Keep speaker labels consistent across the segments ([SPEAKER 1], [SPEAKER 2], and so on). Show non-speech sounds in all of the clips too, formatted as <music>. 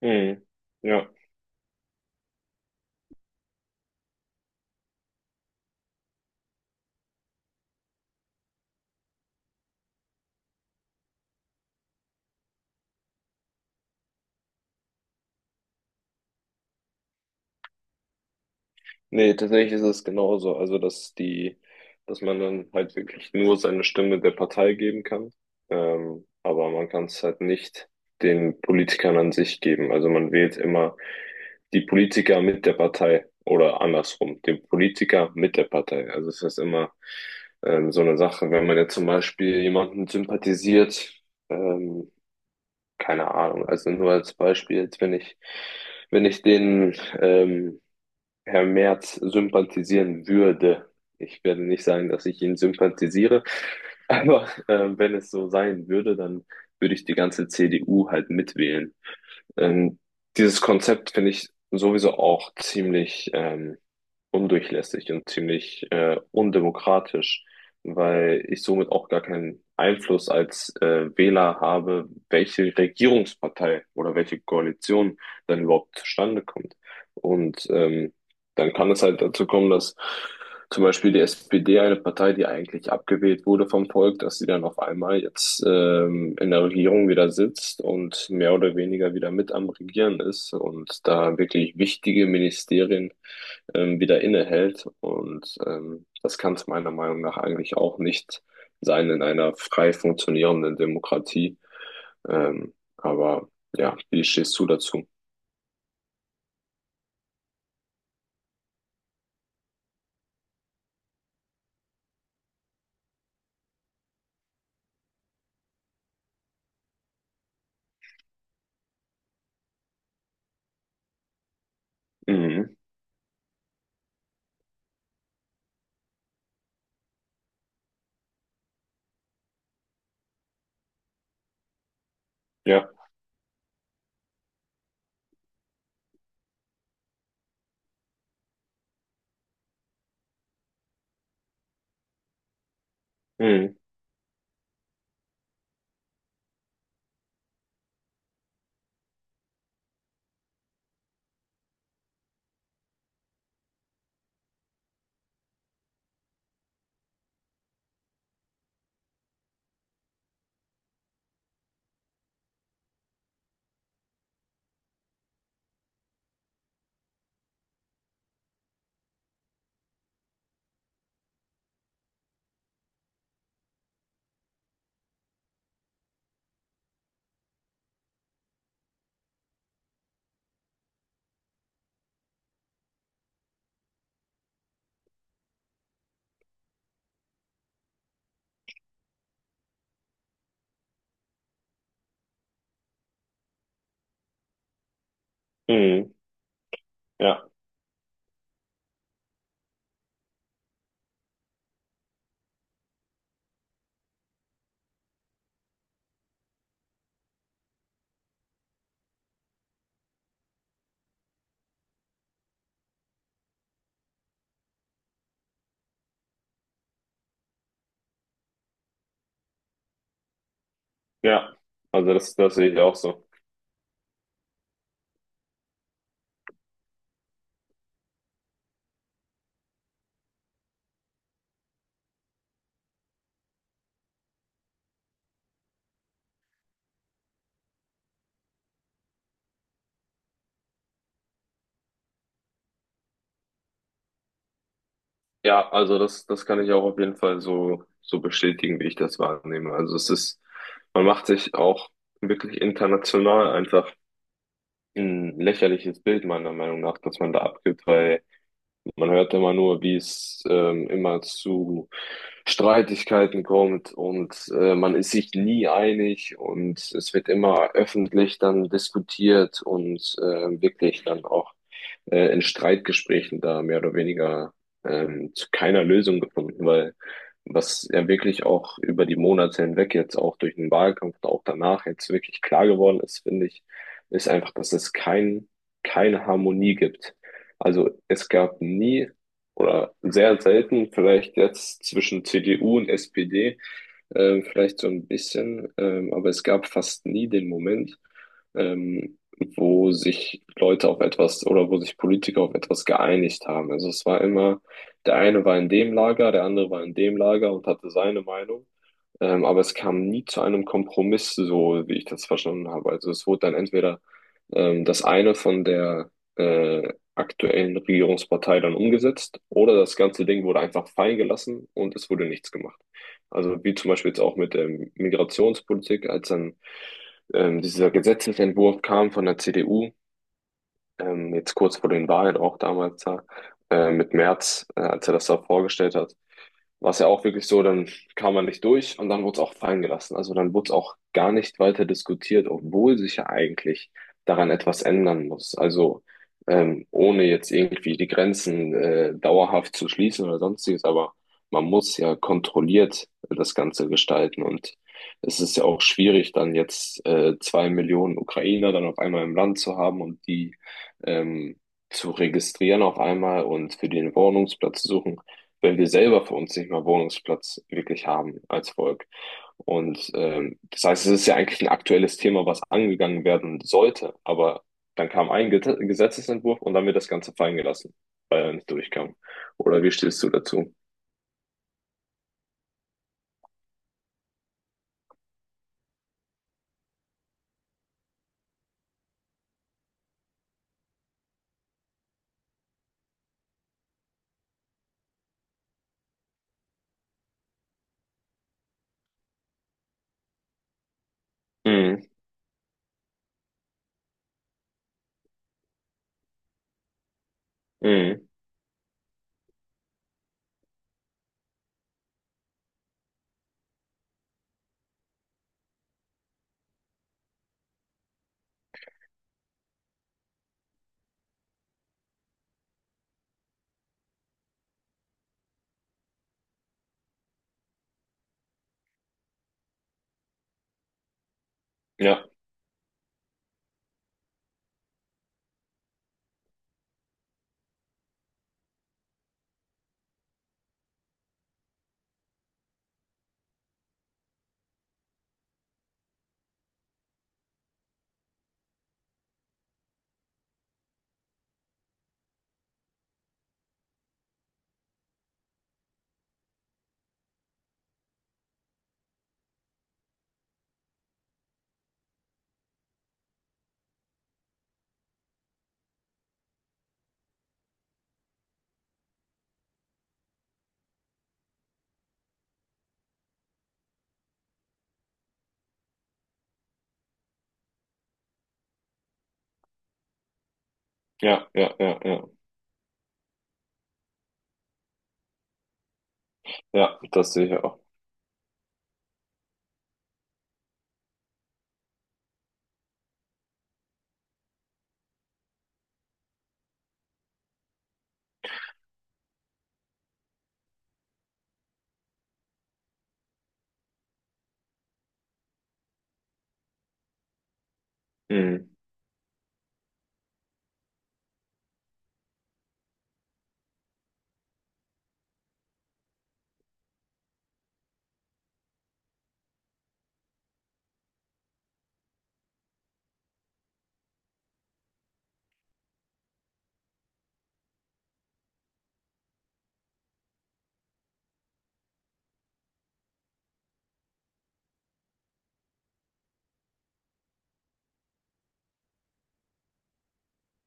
[SPEAKER 1] Mhm. Ja, nee, tatsächlich ist es genauso. Also, dass man dann halt wirklich nur seine Stimme der Partei geben kann. Aber man kann es halt nicht den Politikern an sich geben. Also man wählt immer die Politiker mit der Partei oder andersrum, den Politiker mit der Partei. Also es ist immer so eine Sache, wenn man jetzt zum Beispiel jemanden sympathisiert, ähm, keine Ahnung, also nur als Beispiel, jetzt wenn ich den ähm, Herr Merz sympathisieren würde. Ich werde nicht sagen, dass ich ihn sympathisiere, <laughs> aber wenn es so sein würde, dann würde ich die ganze CDU halt mitwählen. Ähm, dieses Konzept finde ich sowieso auch ziemlich undurchlässig und ziemlich undemokratisch, weil ich somit auch gar keinen Einfluss als Wähler habe, welche Regierungspartei oder welche Koalition dann überhaupt zustande kommt. Und dann kann es halt dazu kommen, dass zum Beispiel die SPD, eine Partei, die eigentlich abgewählt wurde vom Volk, dass sie dann auf einmal jetzt in der Regierung wieder sitzt und mehr oder weniger wieder mit am Regieren ist und da wirklich wichtige Ministerien wieder innehält. Und das kann es meiner Meinung nach eigentlich auch nicht sein in einer frei funktionierenden Demokratie. Aber ja, wie stehst du dazu? Mhm. Ja, mhm. Mhm. Ja, ja. Also das sehe ich auch so. Ja, also das kann ich auch auf jeden Fall so bestätigen, wie ich das wahrnehme. Also es ist, man macht sich auch wirklich international einfach ein lächerliches Bild, meiner Meinung nach, dass man da abgibt, weil man hört immer nur, wie es immer zu Streitigkeiten kommt und man ist sich nie einig und es wird immer öffentlich dann diskutiert und wirklich dann auch in Streitgesprächen da mehr oder weniger zu keiner Lösung gefunden, weil was ja wirklich auch über die Monate hinweg jetzt auch durch den Wahlkampf und auch danach jetzt wirklich klar geworden ist, finde ich, ist einfach, dass es keine Harmonie gibt, also es gab nie oder sehr selten, vielleicht jetzt zwischen CDU und SPD, vielleicht so ein bisschen, aber es gab fast nie den Moment, ähm, wo sich Leute auf etwas oder wo sich Politiker auf etwas geeinigt haben. Also es war immer, der eine war in dem Lager, der andere war in dem Lager und hatte seine Meinung. Aber es kam nie zu einem Kompromiss, so wie ich das verstanden habe. Also es wurde dann entweder das eine von der aktuellen Regierungspartei dann umgesetzt oder das ganze Ding wurde einfach fallen gelassen und es wurde nichts gemacht. Also wie zum Beispiel jetzt auch mit der Migrationspolitik, als dann dieser Gesetzesentwurf kam von der CDU, jetzt kurz vor den Wahlen auch damals da, mit Merz, als er das da vorgestellt hat, war es ja auch wirklich so, dann kam man nicht durch und dann wurde es auch fallen gelassen. Also dann wurde es auch gar nicht weiter diskutiert, obwohl sich ja eigentlich daran etwas ändern muss. Also ohne jetzt irgendwie die Grenzen dauerhaft zu schließen oder sonstiges, aber man muss ja kontrolliert das Ganze gestalten und es ist ja auch schwierig, dann jetzt 2 Millionen Ukrainer dann auf einmal im Land zu haben und die ähm, zu registrieren auf einmal und für den Wohnungsplatz zu suchen, wenn wir selber für uns nicht mal Wohnungsplatz wirklich haben als Volk. Und das heißt, es ist ja eigentlich ein aktuelles Thema, was angegangen werden sollte, aber dann kam ein Get Gesetzesentwurf und dann wird das Ganze fallen gelassen, weil er nicht durchkam. Oder wie stehst du dazu? Mhm. Mhm. Ja, ja, ja, ja, ja. Ja, das sehe ich auch. Mhm.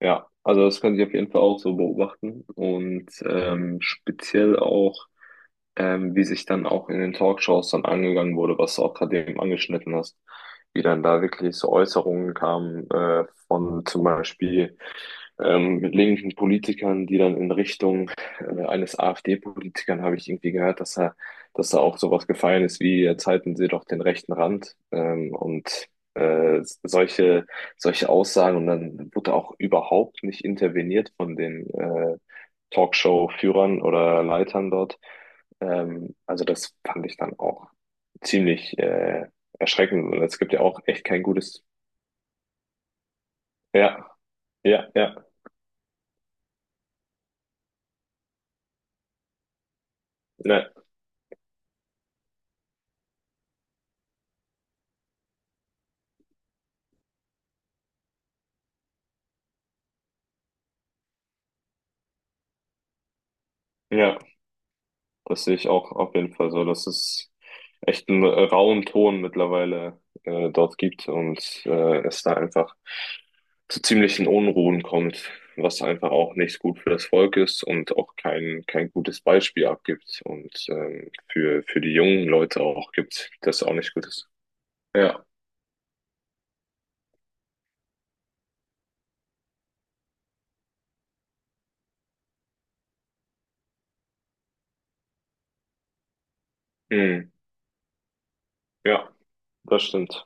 [SPEAKER 1] Ja, also das kann ich auf jeden Fall auch so beobachten. Und speziell auch wie sich dann auch in den Talkshows dann angegangen wurde, was du auch gerade eben angeschnitten hast, wie dann da wirklich so Äußerungen kamen von zum Beispiel mit linken Politikern, die dann in Richtung eines AfD-Politikern habe ich irgendwie gehört, dass da auch sowas gefallen ist wie jetzt halten Sie doch den rechten Rand und äh, solche solche Aussagen und dann wurde auch überhaupt nicht interveniert von den Talkshow-Führern oder Leitern dort. Also das fand ich dann auch ziemlich erschreckend und es gibt ja auch echt kein gutes. Ja, ja, ja, ne, ja. Das sehe ich auch auf jeden Fall so, dass es echt einen rauen Ton mittlerweile dort gibt und es da einfach zu ziemlichen Unruhen kommt, was einfach auch nicht gut für das Volk ist und auch kein gutes Beispiel abgibt und für die jungen Leute auch gibt, das auch nicht gut ist. Ja, mhm. Ja, das stimmt.